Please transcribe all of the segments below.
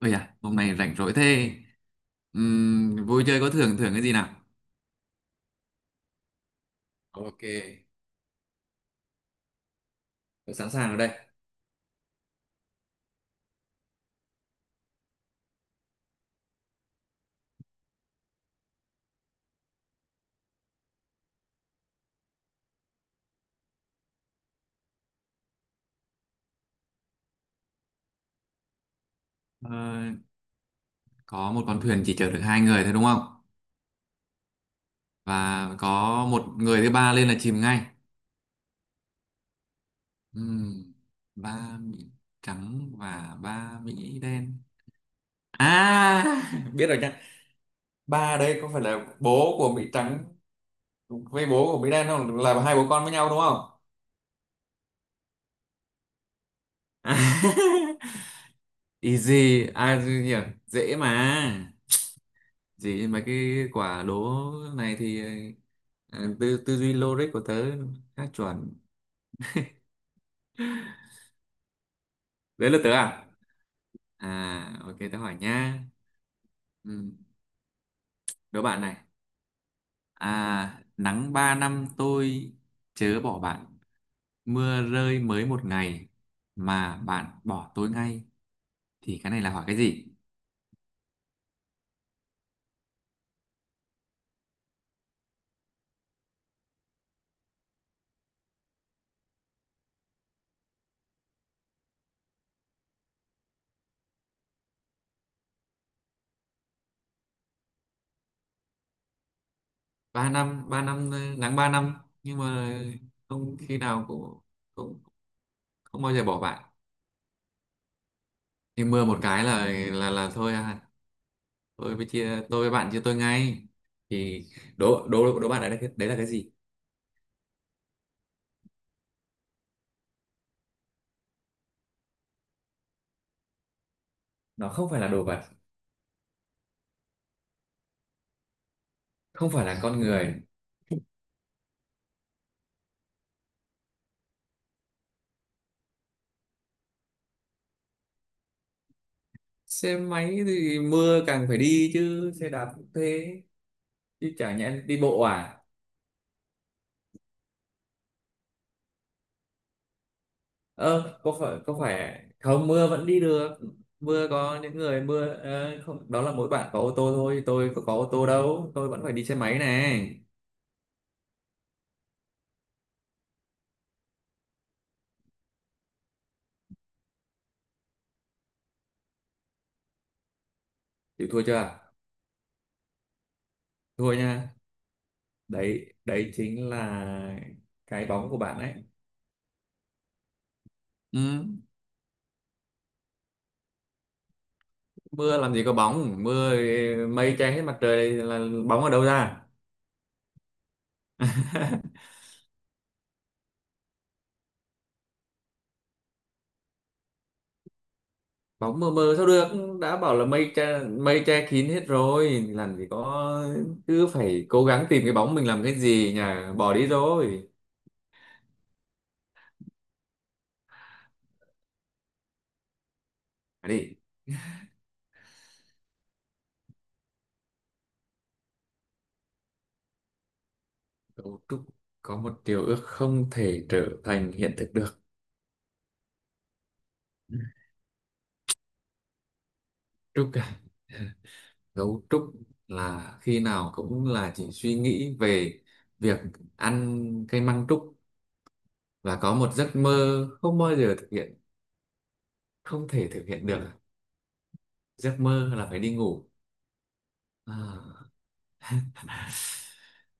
Ôi à, hôm nay rảnh rỗi thế. Vui chơi có thưởng, thưởng cái gì nào? Ok, tôi sẵn sàng ở đây. Ờ, có một con thuyền chỉ chở được hai người thôi đúng không? Và có một người thứ ba lên là chìm ngay. Ừm, ba Mỹ trắng và ba Mỹ đen. À, biết rồi nha. Ba đây có phải là bố của Mỹ trắng với bố của Mỹ đen không? Là hai bố con với nhau đúng không? Easy, ai hiểu, dễ mà. Gì mấy cái quả đố này thì tư tư duy logic của tớ khá chuẩn. Đấy là tớ à? À ok tớ hỏi nha. Ừ, đố bạn này. À, nắng ba năm tôi chớ bỏ bạn, mưa rơi mới một ngày mà bạn bỏ tôi ngay, thì cái này là hỏi cái gì? Ba năm nắng ba năm, nhưng mà không khi nào cũng cũng không bao giờ bỏ bạn, thì mưa một cái là là thôi à? Tôi với bạn chia tôi ngay, thì đố đố đố bạn đấy là đấy là cái gì? Nó không phải là đồ vật, không phải là con người. Xe máy thì mưa càng phải đi chứ, xe đạp cũng thế, chứ chả nhẽ đi bộ à? Ơ có phải không, mưa vẫn đi được. Mưa có những người mưa không, đó là mỗi bạn có ô tô thôi, tôi có ô tô đâu, tôi vẫn phải đi xe máy này. Chịu thua chưa? Thua nha. Đấy đấy chính là cái bóng của bạn ấy. Ừ, mưa làm gì có bóng, mưa mây che hết mặt trời là bóng ở đâu ra? Bóng mờ mờ sao được, đã bảo là mây che kín hết rồi làm gì có. Cứ phải cố gắng tìm cái bóng mình làm cái gì nhỉ, bỏ đi rồi. À đi. Cậu Trúc có một điều ước không thể trở thành hiện thực được. Trúc à, gấu trúc là khi nào cũng là chỉ suy nghĩ về việc ăn cây măng trúc, và có một giấc mơ không bao giờ thực hiện, không thể thực hiện được à? Giấc mơ là phải đi ngủ. À,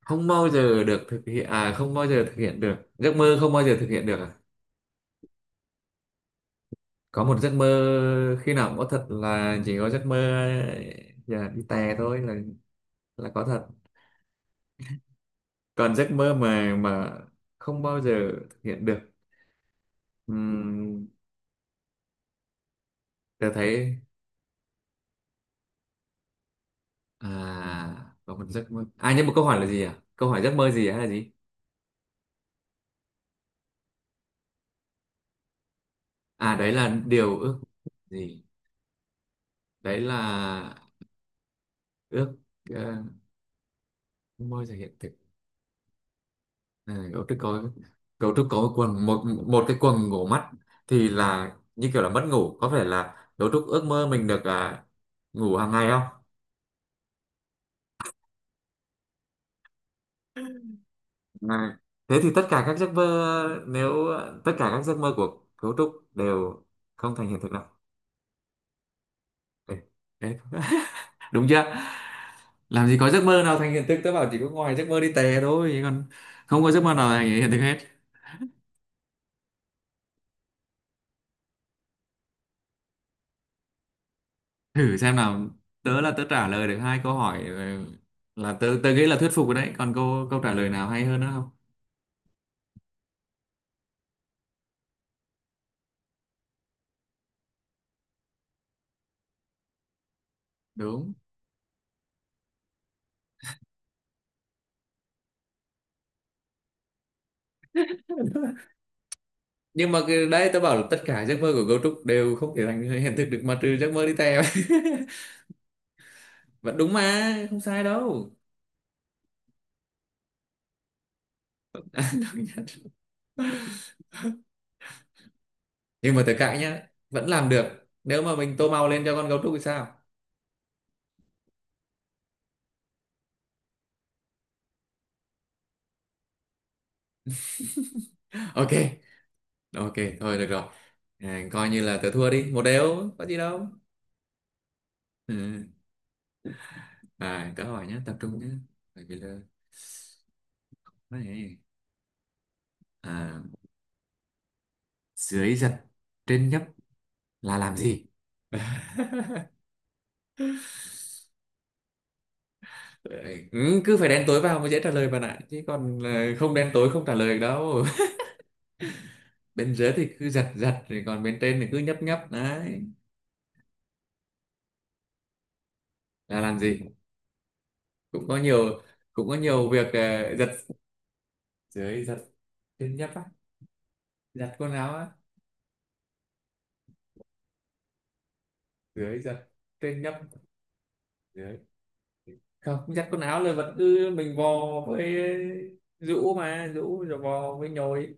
không bao giờ được thực hiện à, không bao giờ thực hiện được, giấc mơ không bao giờ thực hiện được à? Có một giấc mơ khi nào cũng có thật, là chỉ có giấc mơ giờ đi tè thôi là có thật, còn giấc mơ mà không bao giờ thực hiện được. uhm, tôi thấy à có một giấc mơ à, nhưng mà câu hỏi là gì, à câu hỏi giấc mơ gì hay là gì? À đấy là điều ước gì. Đấy là ước ờ, môi thể hiện thực. À, cấu trúc có, cấu trúc có quần một một cái quần ngủ mắt thì là như kiểu là mất ngủ, có phải là cấu trúc ước mơ mình được ngủ hàng ngày không? À, thế thì tất cả các giấc mơ nếu tất cả các giấc mơ của cấu trúc đều không thành hiện thực nào. Ê, ê. Đúng chưa? Làm gì có giấc mơ nào thành hiện thực, tớ bảo chỉ có ngoài giấc mơ đi tè thôi chứ còn không có giấc mơ nào thành hiện thực hết. Thử xem nào, tớ trả lời được hai câu hỏi là tớ tớ nghĩ là thuyết phục rồi đấy, còn câu câu trả lời nào hay hơn nữa không? Đúng, nhưng mà cái đấy tớ bảo là tất cả giấc mơ của cấu trúc đều không thể thành hiện thực được, mà trừ giấc mơ đi theo. Vẫn đúng mà không sai đâu. Nhưng mà tớ cãi nhá, vẫn làm được nếu mà mình tô màu lên cho con gấu trúc thì sao? Ok. Ok, thôi được rồi. À, coi như là tớ thua đi, một đều có gì đâu. Ừ. À tớ hỏi nhá, tập trung nhá, bởi vì là đấy. À, dưới giật trên nhấp là làm gì? Ừ, cứ phải đen tối vào mới dễ trả lời bạn ạ, chứ còn không đen tối không trả lời được đâu. Bên dưới thì cứ giật giật, rồi còn bên trên thì cứ nhấp nhấp đấy, là làm gì? Cũng có nhiều, cũng có nhiều việc giật. Dưới giật trên nhấp á, giặt quần áo á, dưới giặt trên nhấp, dưới không giặt quần áo là vẫn cứ mình vò với rũ, mà rũ rồi vò với nhồi.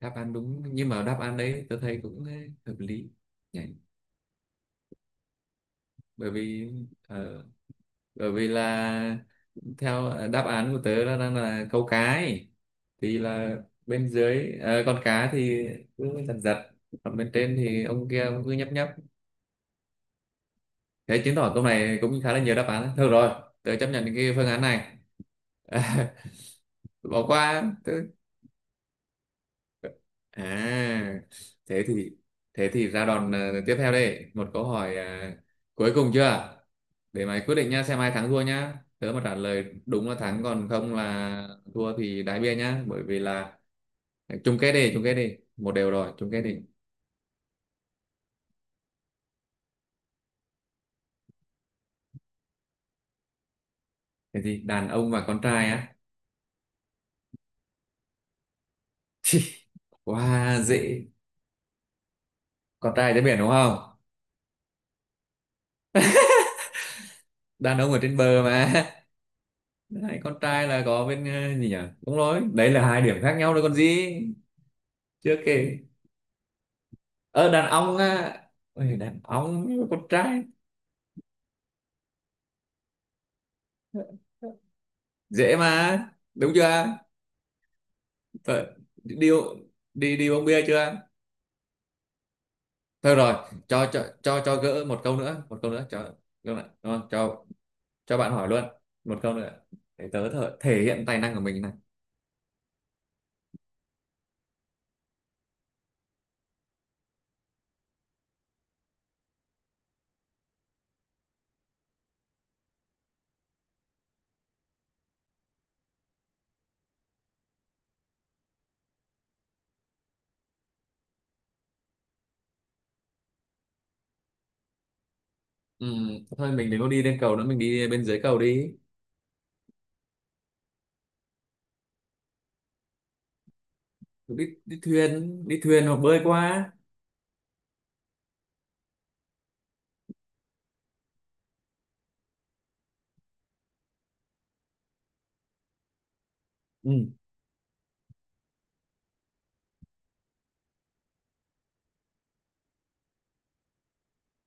Đáp án đúng, nhưng mà đáp án đấy tôi thấy cũng hợp lý nhỉ, bởi vì ờ, bởi vì là theo đáp án của tớ là đang là câu cá ấy. Thì là bên dưới con cá thì cứ giật giật, còn bên trên thì ông kia ông cứ nhấp nhấp. Thế chứng tỏ câu này cũng khá là nhiều đáp án thôi rồi, tớ chấp nhận cái phương án này. Bỏ qua. À, thế thì, thế thì ra đòn tiếp theo đây, một câu hỏi cuối cùng chưa? Để mày quyết định nhá, xem ai thắng thua nhá. Tớ mà trả lời đúng là thắng, còn không là thua thì đái bia nhá, bởi vì là à, chung kết đi, một đều rồi, chung kết đi. Thế thì đàn ông và con trai á. Quá dễ. Con trai trên biển đúng không? Đàn ông ở trên bờ mà. Đấy, con trai là có bên gì nhỉ? Đúng rồi, đấy là hai điểm khác nhau đấy còn gì. Chưa kể ờ đàn ông á. Ôi, đàn ông với con trai dễ mà, đúng chưa? Thôi, đi đi đi uống bia chưa? Thôi rồi, cho gỡ một câu nữa, một câu nữa, cho câu này đúng không? Cho bạn hỏi luôn một câu nữa, để tớ thể hiện tài năng của mình này. Ừm, thôi mình đừng có đi lên cầu nữa, mình đi bên dưới cầu đi. Đi, đi thuyền hoặc bơi qua. Ừ.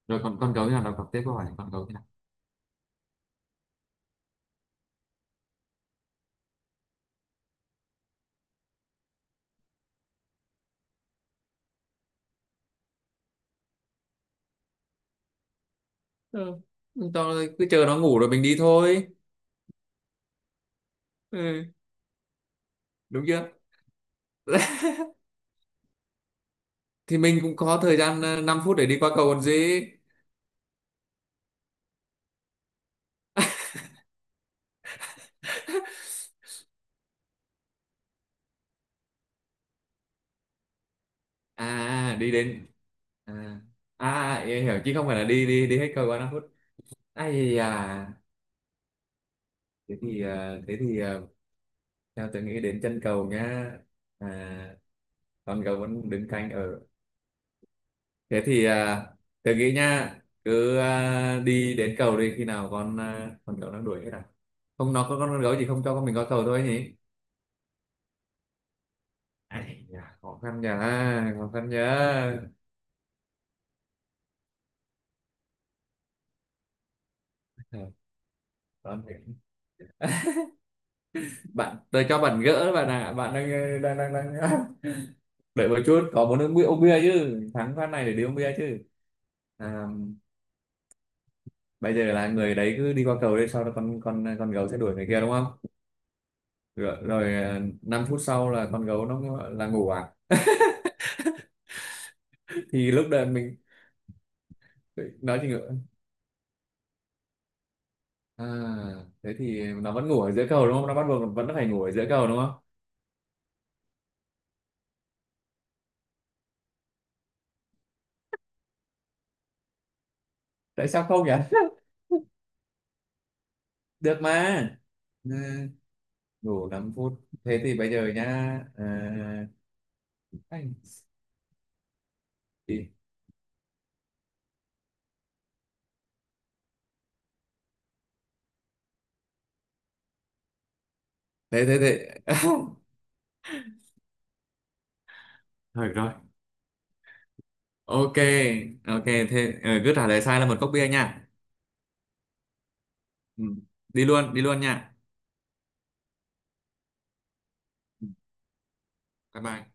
Rồi còn con gấu thế nào, đọc tiếp câu hỏi con gấu thế nào. Ừ. Tao cứ chờ nó ngủ rồi mình đi thôi. Ừ. Đúng chưa? Thì mình cũng có thời gian 5 phút để đi qua cầu còn gì. À đi đến, à, à em hiểu, chứ không phải là đi đi đi hết cầu qua 5 phút. Ai à, thế thì thế thì theo tôi nghĩ đến chân cầu nhá. À, con cầu vẫn đứng canh ở, thế thì à, tôi nghĩ nha, cứ à, đi đến cầu đi, khi nào con à, con gấu đang đuổi hết à, không nó có, con gấu chỉ không cho con mình qua cầu thôi nhỉ. Ai da, khó khăn nhờ, khó khăn nhờ. Ờ, con phải, bạn tôi cho bạn gỡ bạn ạ, bạn đang đang đợi một chút, có muốn uống bia, uống bia chứ, thắng phát này để đi uống bia chứ. À, bây giờ là người đấy cứ đi qua cầu đây, sau đó con gấu sẽ đuổi người kia đúng không? Rồi, rồi à, 5 phút sau là con gấu nó là ngủ à, thì lúc đấy mình nói chỉ ngựa. À thế thì nó vẫn ngủ ở giữa cầu đúng không, nó bắt buộc vẫn phải ngủ ở giữa cầu đúng không? Tại sao không nhỉ? Được mà. Ừ, ngủ 5 phút, thế thì bây giờ nhá, à, anh, thế thế thế. Thôi được rồi, ok. Ok thế cứ trả lời sai là một cốc bia nha. Ừ. Đi luôn đi luôn nha. Ừ, bye bye.